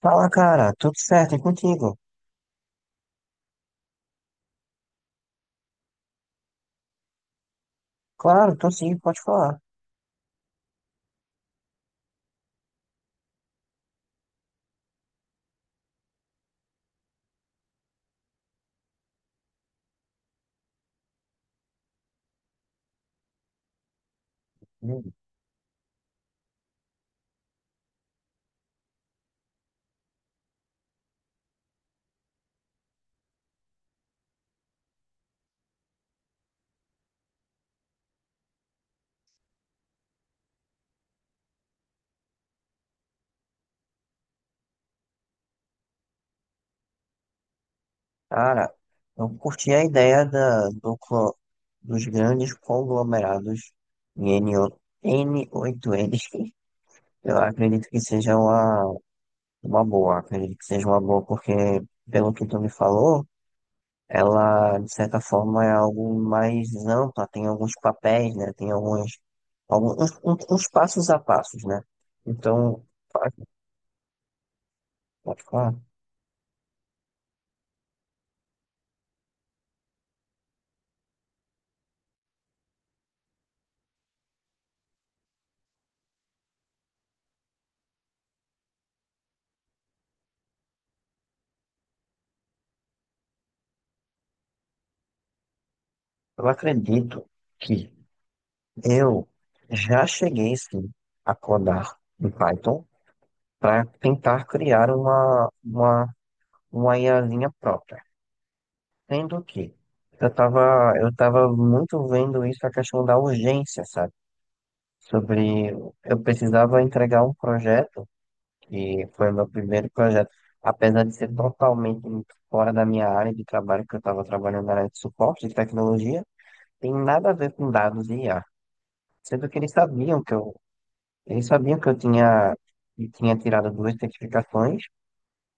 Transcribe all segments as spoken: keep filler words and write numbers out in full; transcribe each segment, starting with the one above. Fala, cara, tudo certo, e contigo? Claro, tô sim, pode falar. Hum. Cara, eu curti a ideia da, do, clo- dos grandes conglomerados em N o n oito n. Eu acredito que seja uma, uma boa, acredito que seja uma boa, porque, pelo que tu me falou, ela, de certa forma, é algo mais ampla, tem alguns papéis, né? Tem alguns, alguns uns, uns passos a passos, né? Então, pode, pode falar. Eu acredito que eu já cheguei sim a codar em Python para tentar criar uma, uma, uma IAzinha própria. Sendo que eu estava eu tava muito vendo isso, a questão da urgência, sabe? Sobre eu precisava entregar um projeto, que foi o meu primeiro projeto, apesar de ser totalmente fora da minha área de trabalho, que eu estava trabalhando na área de suporte de tecnologia, tem nada a ver com dados e I A. Sendo que eles sabiam que eu Ele sabia que eu tinha, que tinha tirado duas certificações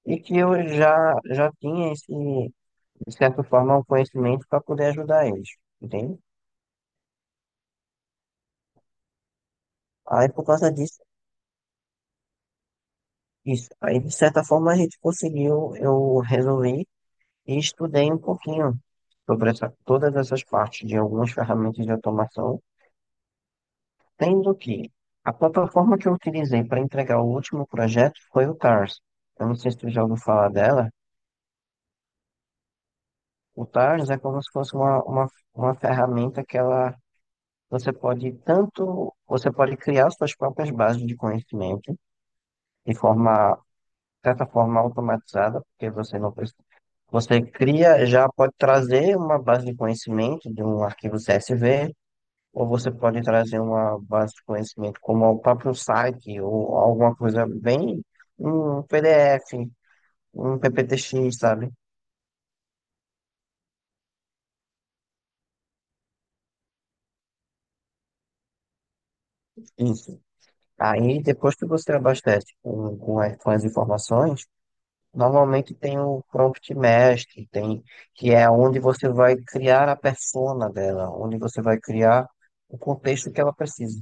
e que eu já, já tinha esse, de certa forma, um conhecimento para poder ajudar eles, entende? Aí, por causa disso, isso. Aí, de certa forma, a gente conseguiu, eu resolvi e estudei um pouquinho sobre essa, todas essas partes de algumas ferramentas de automação, sendo que a plataforma que eu utilizei para entregar o último projeto foi o TARS. Eu não sei se tu já ouviu falar dela. O Taros é como se fosse uma, uma, uma ferramenta que ela, você pode tanto, você pode criar suas próprias bases de conhecimento de forma, certa forma automatizada, porque você não precisa, você cria, já pode trazer uma base de conhecimento de um arquivo C S V, ou você pode trazer uma base de conhecimento como o próprio site, ou alguma coisa bem, um P D F, um P P T X, sabe? Isso. Aí, depois que você abastece com, com as com as informações, normalmente tem o prompt mestre, tem, que é onde você vai criar a persona dela, onde você vai criar o contexto que ela precisa.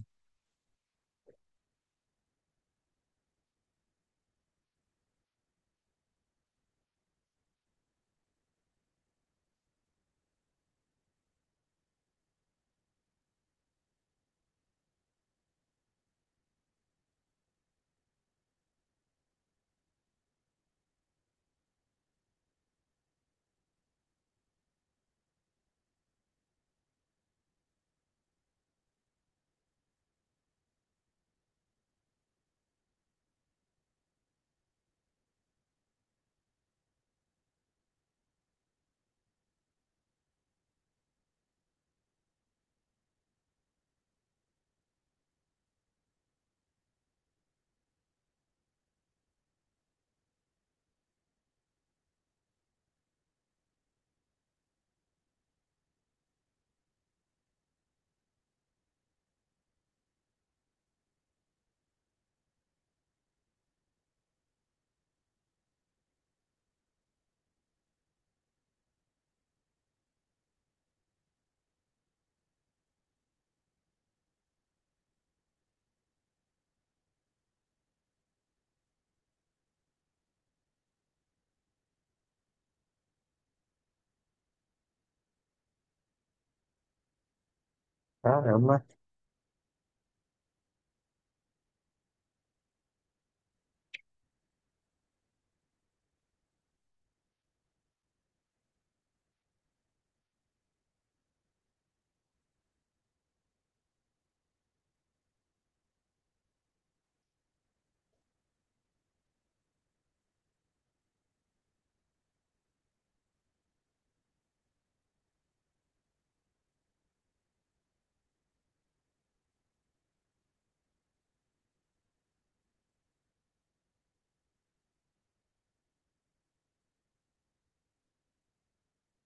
Caramba,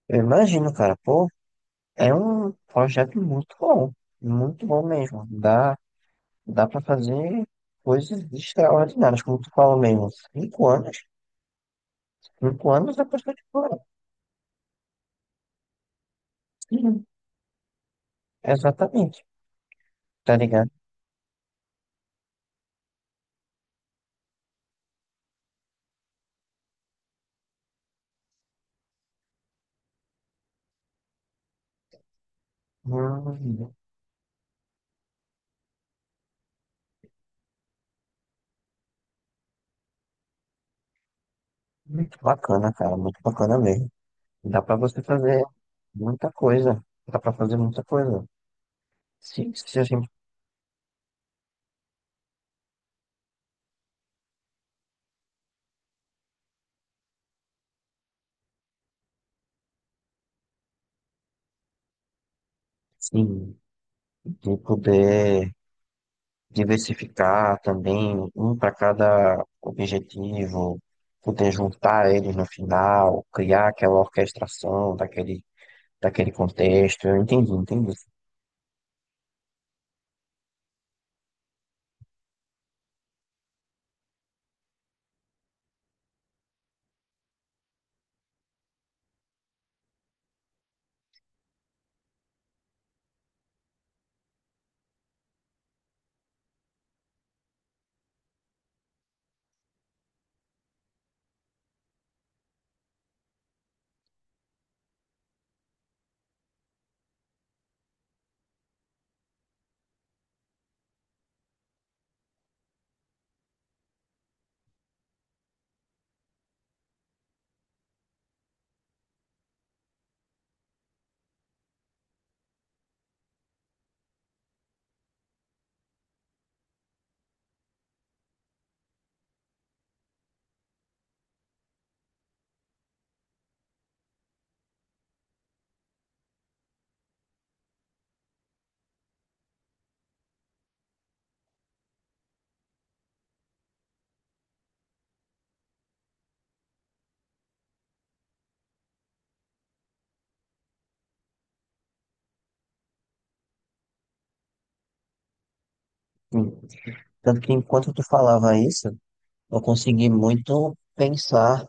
eu imagino, cara, pô, é um projeto muito bom, muito bom mesmo. Dá, dá para fazer coisas extraordinárias, como tu falou mesmo. Cinco anos, cinco anos é bastante coisa. Sim, exatamente, tá ligado? Hum. Muito bacana, cara, muito bacana mesmo. Dá pra você fazer muita coisa. Dá pra fazer muita coisa. Sim, se a gente, sim, de poder diversificar também, um para cada objetivo, poder juntar eles no final, criar aquela orquestração daquele, daquele contexto. Eu entendi, entendi. Sim. Tanto que enquanto tu falava isso, eu consegui muito pensar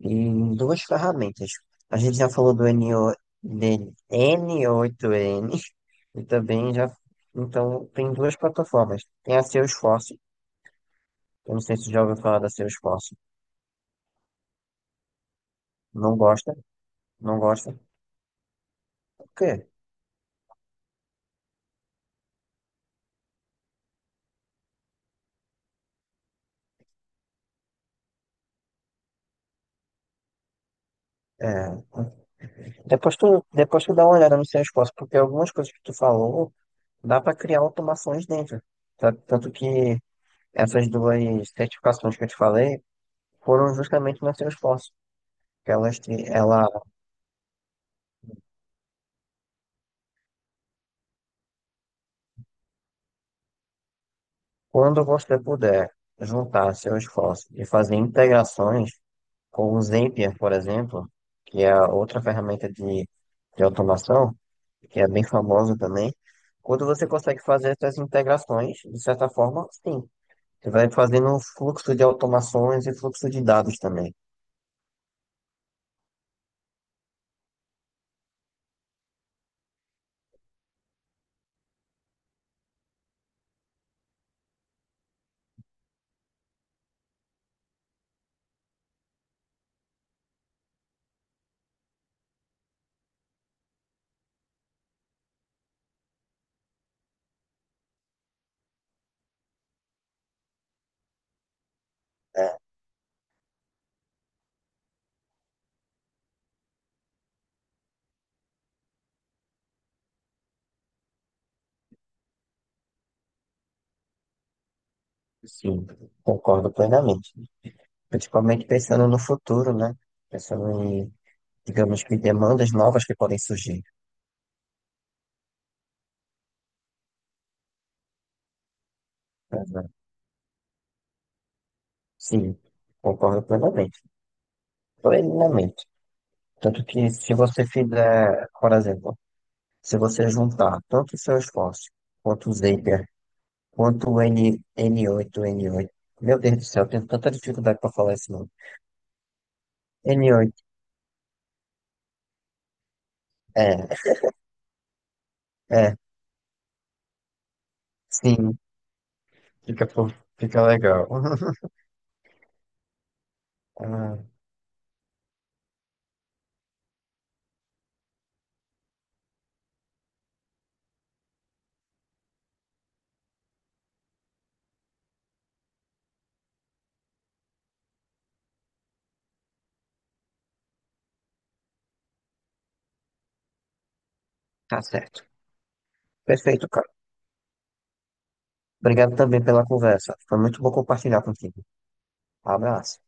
em duas ferramentas. A gente já falou do n o de n oito n e também já. Então, tem duas plataformas. Tem a Salesforce. Eu não sei se já ouviu falar da Salesforce. Não gosta? Não gosta? Por quê? É. Depois tu, depois tu dá uma olhada no Salesforce, porque algumas coisas que tu falou, dá para criar automações dentro. Tá- Tanto que essas duas certificações que eu te falei foram justamente na Salesforce. Que elas, te- ela. Quando você puder juntar seu esforço e fazer integrações com o Zapier, por exemplo, que é a outra ferramenta de, de automação, que é bem famosa também, quando você consegue fazer essas integrações, de certa forma, sim, você vai fazendo um fluxo de automações e fluxo de dados também, né? Sim, concordo plenamente. Principalmente pensando no futuro, né? Pensando em, digamos que demandas novas que podem surgir. Né? Sim, concordo plenamente. Plenamente. Tanto que se você fizer, por exemplo, se você juntar tanto o seu esforço, quanto o Zapier, quanto o N, N8, N oito, meu Deus do céu, eu tenho tanta dificuldade para falar esse nome. N oito, é, é, sim, fica, fo- fica legal. Ah. Tá certo. Perfeito, cara. Obrigado também pela conversa. Foi muito bom compartilhar contigo. Abraço.